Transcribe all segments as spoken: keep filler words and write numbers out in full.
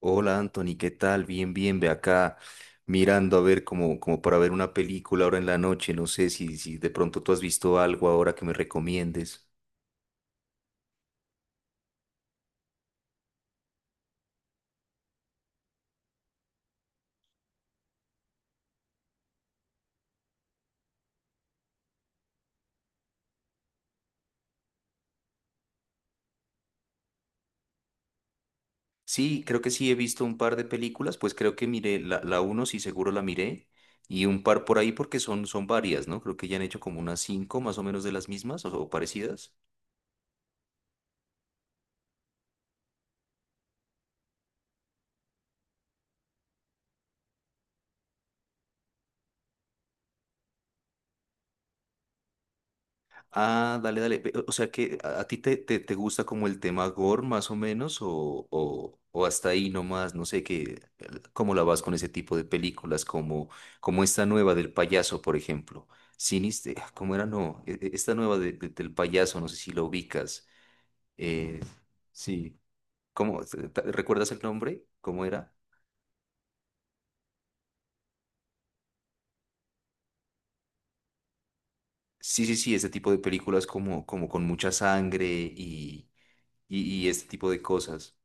Hola Anthony, ¿qué tal? Bien, bien, ve acá mirando a ver como, como para ver una película ahora en la noche. No sé si, si de pronto tú has visto algo ahora que me recomiendes. Sí, creo que sí he visto un par de películas, pues creo que miré la, la uno, sí seguro la miré, y un par por ahí porque son, son varias, ¿no? Creo que ya han hecho como unas cinco más o menos de las mismas o o parecidas. Ah, dale, dale. Ve, o sea que a, a ti te, te, te gusta como el tema gore más o menos o, o, o hasta ahí nomás, no sé qué, el- cómo la vas con ese tipo de películas como, como esta nueva del payaso, por ejemplo. Siniste, ah, ¿cómo era? No, e- e- esta nueva de- de- del payaso, no sé si la ubicas. Eh, sí, ¿cómo? ¿Te- te- ¿Recuerdas el nombre? ¿Cómo era? Sí, sí, sí, este tipo de películas como, como con mucha sangre y, y, y este tipo de cosas.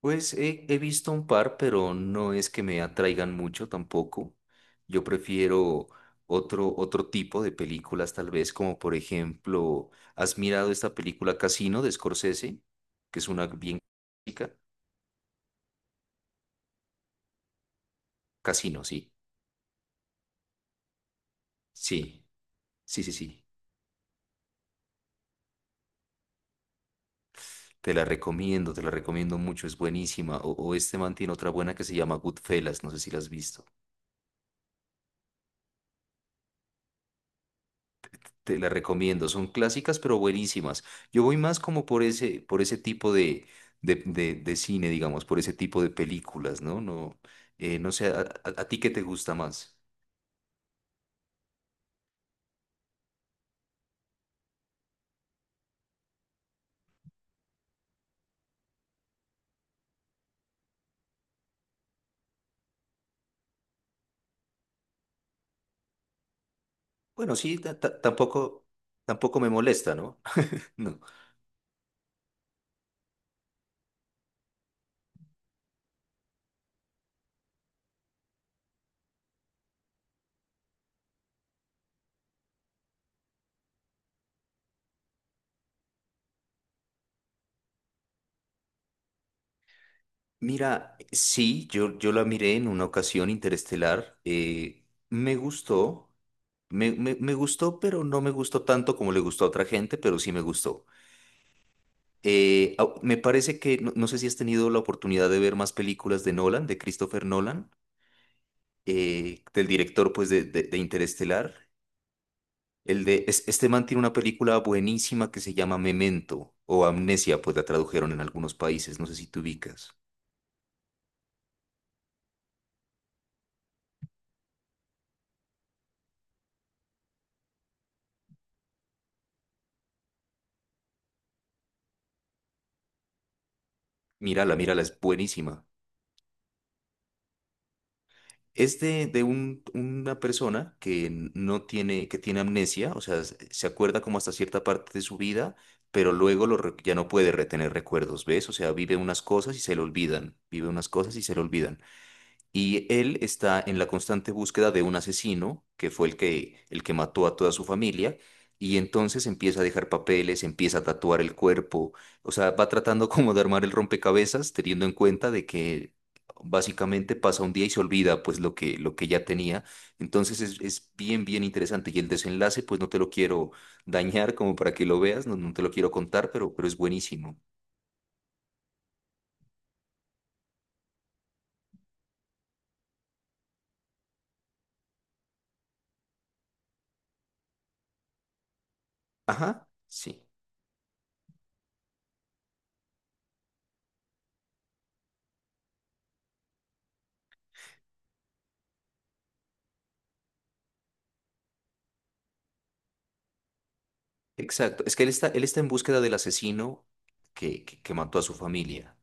Pues he, he visto un par, pero no es que me atraigan mucho tampoco. Yo prefiero otro, otro tipo de películas, tal vez, como por ejemplo, ¿has mirado esta película Casino de Scorsese? Que es una bien clásica. Casino, sí. Sí, sí, sí, sí. Te la recomiendo, te la recomiendo mucho, es buenísima. O, o este man tiene otra buena que se llama Goodfellas, no sé si la has visto. Te la recomiendo, son clásicas pero buenísimas. Yo voy más como por ese, por ese tipo de, de, de- de cine, digamos, por ese tipo de películas, ¿no? No, eh, no sé. A, a- a ti qué te gusta más? Bueno, sí, ta- ta- tampoco, tampoco me molesta, ¿no? No. Mira, sí, yo, yo la miré en una ocasión interestelar, eh, me gustó, me, me me gustó, pero no me gustó tanto como le gustó a otra gente, pero sí me gustó. Eh, au- me parece que, no, no sé si has tenido la oportunidad de ver más películas de Nolan, de Christopher Nolan, eh, del director pues de, de, de Interestelar. El de, es- este man tiene una película buenísima que se llama Memento o Amnesia, pues la tradujeron en algunos países, no sé si te ubicas. Mírala, mírala, es buenísima. Es de, de un- una persona que no tiene, que tiene amnesia, o sea, se se acuerda como hasta cierta parte de su vida, pero luego lo re- ya no puede retener recuerdos, ¿ves? O sea, vive unas cosas y se le olvidan, vive unas cosas y se le olvidan. Y él está en la constante búsqueda de un asesino, que fue el que, el que mató a toda su familia, y entonces empieza a dejar papeles, empieza a tatuar el cuerpo, o sea, va tratando como de armar el rompecabezas, teniendo en cuenta de que básicamente pasa un día y se olvida pues lo que, lo que ya tenía. Entonces es, es bien, bien interesante. Y el desenlace, pues no te lo quiero dañar como para que lo veas, no, no te lo quiero contar, pero, pero es buenísimo. Ajá, sí. Exacto, es que él está, él está en búsqueda del asesino que, que, que mató a su familia.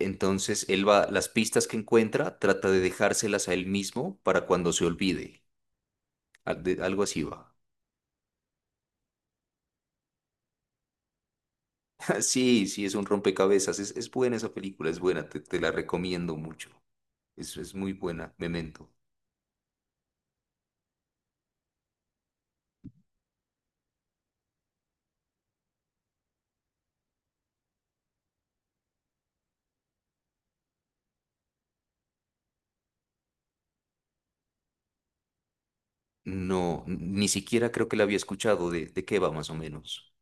Entonces, él va, las pistas que encuentra, trata de dejárselas a él mismo para cuando se olvide. Al- de- Algo así va. Sí, sí, es un rompecabezas. Es, es buena esa película, es buena, te, te la recomiendo mucho. Es, es muy buena, Memento. No, n- ni siquiera creo que la había escuchado. ¿De, de qué va más o menos?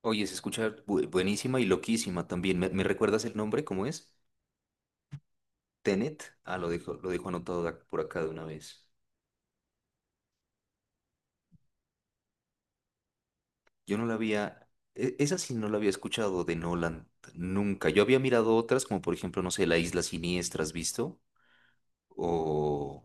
Oye, se escucha bu- buenísima y loquísima también. ¿Me, me recuerdas el nombre? ¿Cómo es? Tenet, ah, lo dijo, lo dijo anotado ac- por acá de una vez. Yo no la había, e- esa sí no la había escuchado de Nolan nunca. Yo había mirado otras, como por ejemplo, no sé, La Isla Siniestra, ¿has visto? O.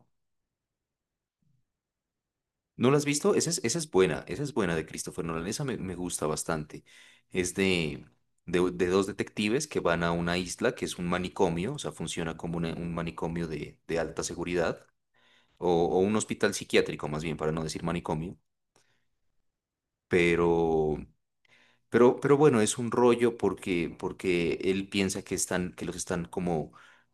¿No la has visto? Esa es, esa es buena, esa es buena de Christopher Nolan, esa me, me gusta bastante. Es de, de, de dos detectives que van a una isla que es un manicomio, o sea, funciona como una- un manicomio de, de alta seguridad, o o un hospital psiquiátrico más bien, para no decir manicomio. Pero Pero, pero bueno, es un rollo porque, porque él piensa que están, que los están como,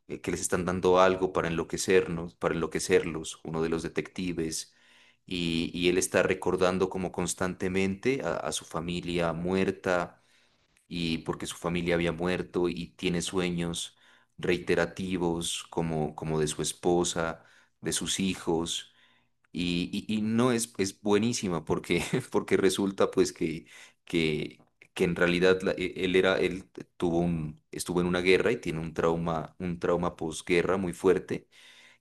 eh, que les están dando algo para enloquecernos, para enloquecerlos, uno de los detectives, y, y él está recordando como constantemente a, a su familia muerta, y porque su familia había muerto, y tiene sueños reiterativos como, como de su esposa, de sus hijos. Y, y- y no es, es buenísima porque, porque resulta pues que, que, que en realidad la- e- él era, él tuvo un, estuvo en una guerra y tiene un trauma, un trauma posguerra muy fuerte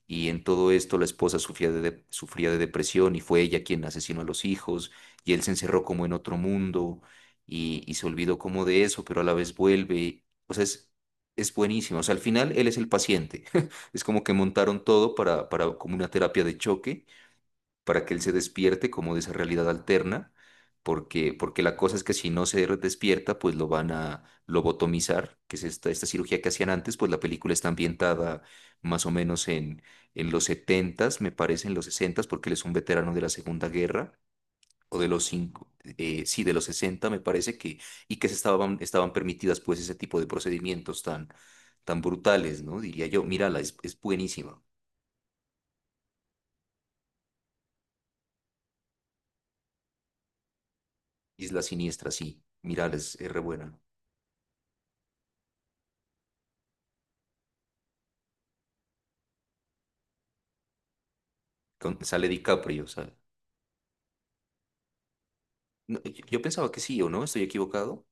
y en todo esto la esposa sufría de, de- sufría de depresión y fue ella quien asesinó a los hijos y él se encerró como en otro mundo y, y se olvidó como de eso, pero a la vez vuelve. O sea, es, es buenísima. O sea, al final él es el paciente. Es como que montaron todo para, para, como una terapia de choque para que él se despierte como de esa realidad alterna, porque, porque la cosa es que si no se despierta, pues lo van a lobotomizar, que es esta, esta cirugía que hacían antes, pues la película está ambientada más o menos en, en los setentas me parece, en los sesentas porque él es un veterano de la Segunda Guerra. O de los cinco, eh, sí, de los sesenta me parece que, y que se estaban, estaban permitidas pues ese tipo de procedimientos tan, tan brutales, ¿no? Diría yo, mírala, es, es buenísima. Isla Siniestra, sí, mírala, es, es re buena. Con, sale DiCaprio, o sea. No, yo, yo pensaba que sí, ¿o no? ¿Estoy equivocado?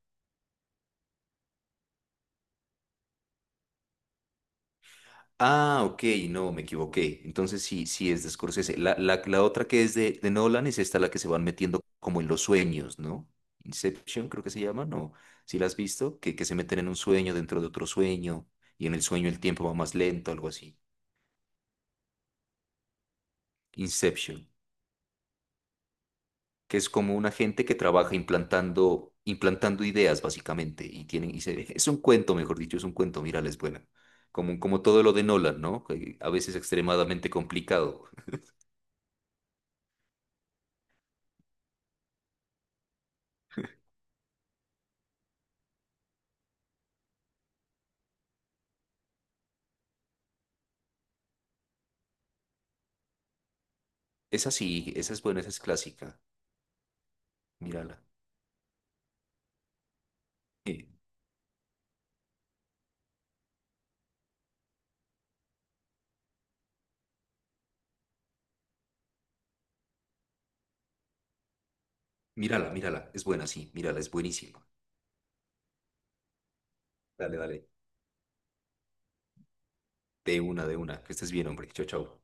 Ah, ok, no, me equivoqué. Entonces sí, sí es de Scorsese. La, la, la otra que es de, de Nolan es esta la que se van metiendo como en los sueños, ¿no? Inception creo que se llama, ¿no? ¿Si la has visto? Que, que se meten en un sueño dentro de otro sueño y en el sueño el tiempo va más lento, algo así. Inception. Que es como una gente que trabaja implantando, implantando ideas básicamente y tienen, y se- es un cuento, mejor dicho, es un cuento, mírala, es buena. Como, como todo lo de Nolan, ¿no? Que a veces extremadamente complicado. Esa sí, esa es buena, esa es clásica. Mírala. Eh, Mírala, mírala, es buena, sí, mírala, es buenísima. Dale, dale. De una, de una. Que estés bien, hombre. Chao, chao.